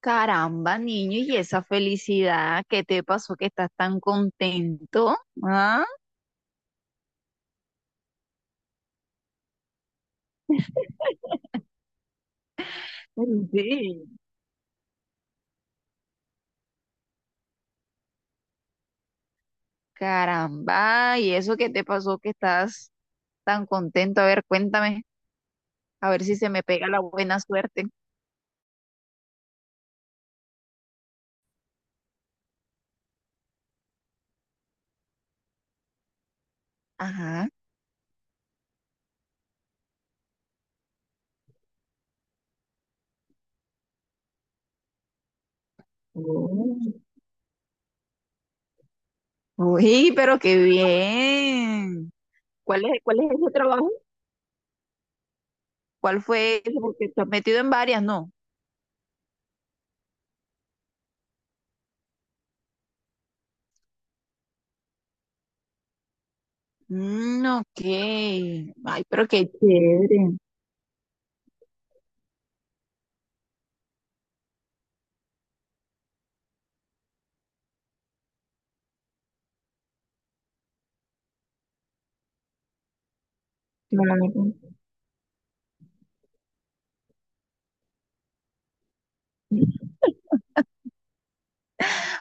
Caramba, niño, y esa felicidad, ¿qué te pasó que estás tan contento? ¿Ah? Sí. Caramba, ¿y eso qué te pasó que estás tan contento? A ver, cuéntame, a ver si se me pega la buena suerte. Ajá. Oh. Uy, pero qué bien. ¿Cuál es ese trabajo? ¿Cuál fue ese? Porque estás metido en varias, ¿no? Mm, ok. Ay, pero qué chévere. Claro.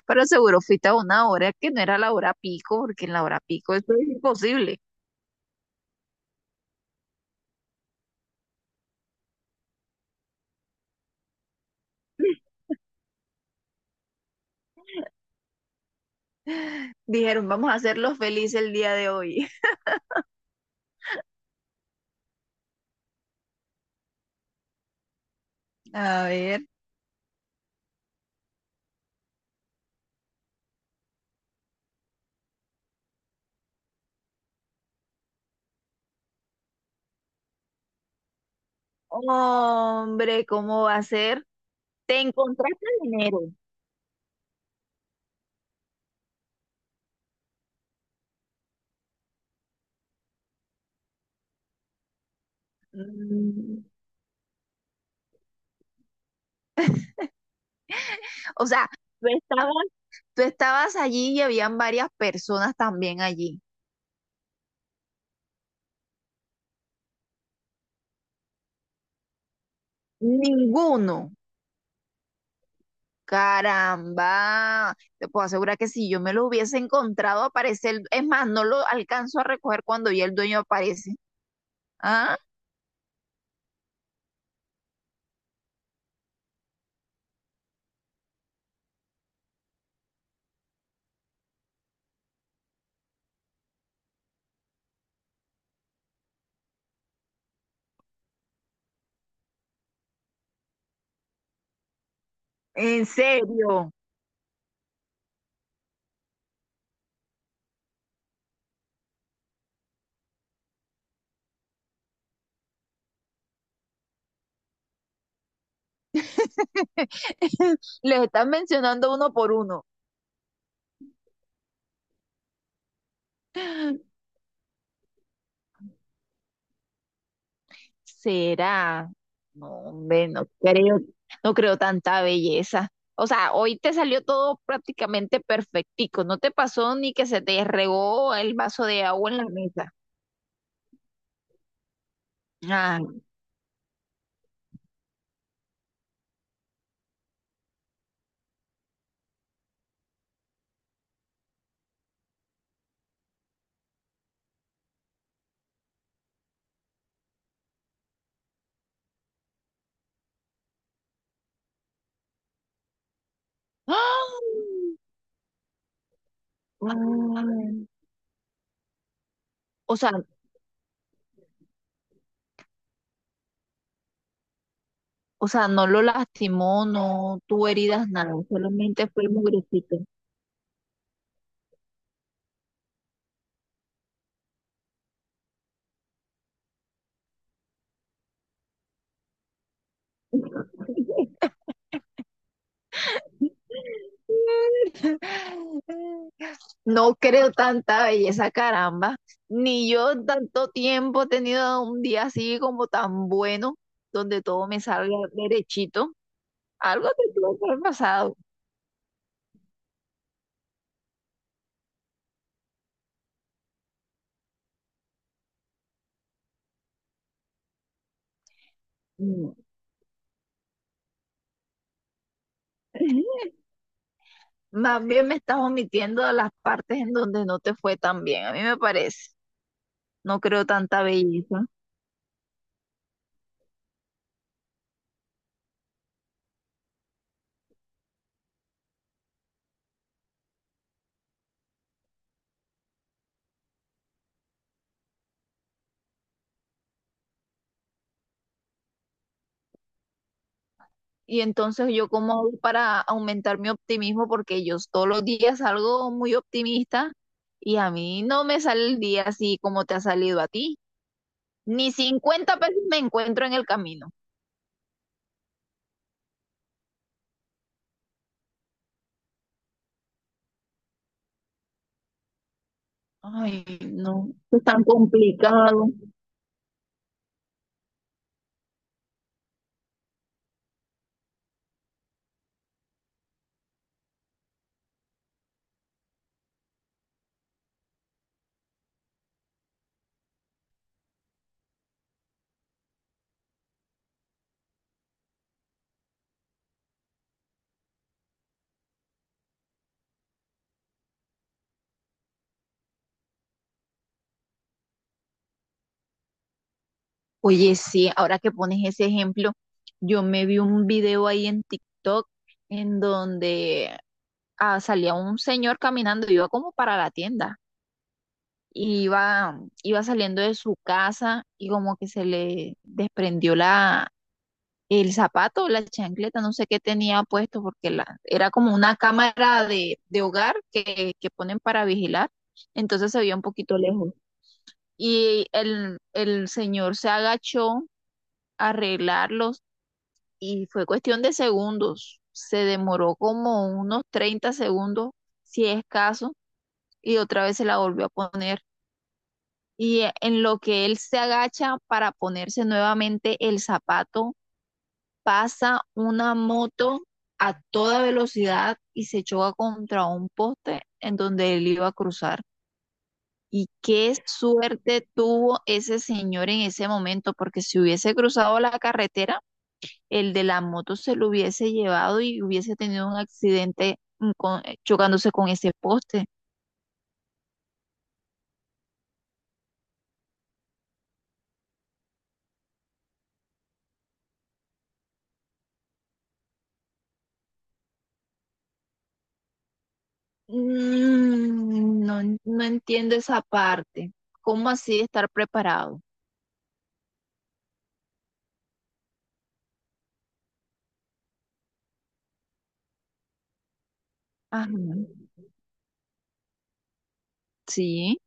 Pero seguro fuiste a una hora que no era la hora pico, porque en la hora pico esto es imposible. Dijeron, vamos a hacerlos felices el día de hoy. A ver. Hombre, ¿cómo va a ser? Te encontraste en enero. Mm. O sea, tú estabas, tú estabas allí y habían varias personas también allí. Ninguno. Caramba, te puedo asegurar que si yo me lo hubiese encontrado, aparece el... Es más, no lo alcanzo a recoger cuando ya el dueño aparece. Ah. En serio. Les están mencionando uno por uno. ¿Será? No, hombre, no creo, no creo tanta belleza. O sea, hoy te salió todo prácticamente perfectico. No te pasó ni que se te regó el vaso de agua en la mesa. Ay. ¡Ah! Ay. O sea, o sea, no lo lastimó, no tuvo heridas, nada. Solamente fue mugrecito. No creo tanta belleza, caramba. Ni yo en tanto tiempo he tenido un día así como tan bueno, donde todo me salga derechito. Algo te tuvo que haber pasado. Mm. Más bien me estás omitiendo las partes en donde no te fue tan bien, a mí me parece. No creo tanta belleza. Y entonces yo cómo hago para aumentar mi optimismo, porque yo todos los días salgo muy optimista y a mí no me sale el día así como te ha salido a ti. Ni 50 pesos me encuentro en el camino. Ay, no, es tan complicado. Oye, sí, ahora que pones ese ejemplo, yo me vi un video ahí en TikTok en donde salía un señor caminando, iba como para la tienda, y iba saliendo de su casa y como que se le desprendió el zapato, la chancleta, no sé qué tenía puesto, porque era como una cámara de hogar que ponen para vigilar, entonces se veía un poquito lejos. Y el señor se agachó a arreglarlos y fue cuestión de segundos, se demoró como unos 30 segundos, si es caso, y otra vez se la volvió a poner. Y en lo que él se agacha para ponerse nuevamente el zapato, pasa una moto a toda velocidad y se choca contra un poste en donde él iba a cruzar. Y qué suerte tuvo ese señor en ese momento, porque si hubiese cruzado la carretera, el de la moto se lo hubiese llevado y hubiese tenido un accidente, chocándose con ese poste. Mm, no, no entiendo esa parte. ¿Cómo así estar preparado? Ajá, sí.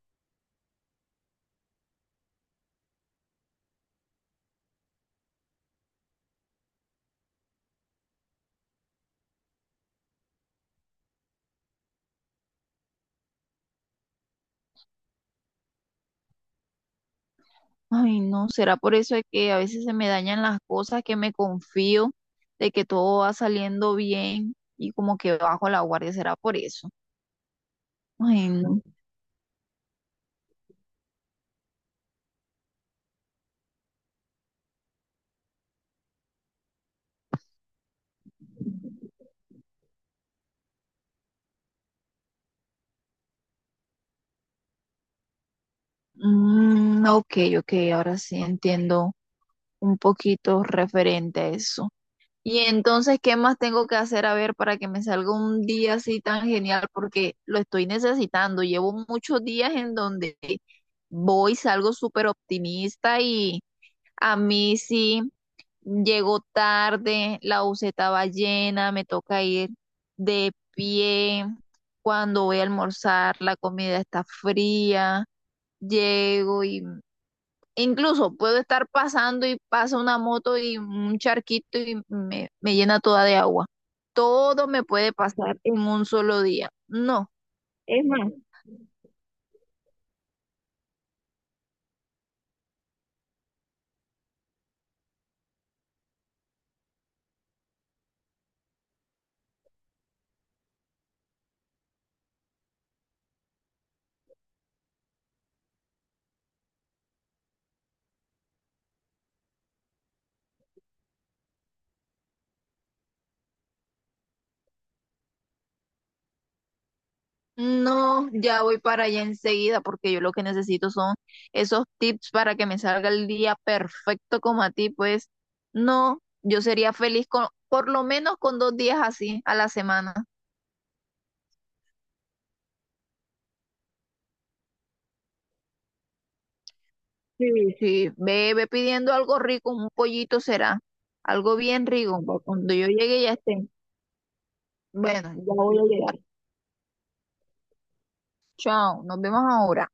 Ay, no, será por eso de que a veces se me dañan las cosas, que me confío de que todo va saliendo bien y como que bajo la guardia, será por eso. Ay, no. Mm, ok, ok, ahora sí entiendo un poquito referente a eso. Y entonces, ¿qué más tengo que hacer a ver para que me salga un día así tan genial? Porque lo estoy necesitando. Llevo muchos días en donde voy, salgo súper optimista y a mí sí. Llego tarde, la buseta va llena, me toca ir de pie. Cuando voy a almorzar, la comida está fría. Llego y incluso puedo estar pasando y pasa una moto y un charquito y me llena toda de agua. Todo me puede pasar en un solo día. No. Es más. No, ya voy para allá enseguida porque yo lo que necesito son esos tips para que me salga el día perfecto como a ti, pues no, yo sería feliz con por lo menos con 2 días así a la semana. Sí, sí, ve, ve pidiendo algo rico, un pollito será, algo bien rico, para cuando yo llegue ya esté. Bueno, ya voy a llegar. Chao, nos vemos ahora.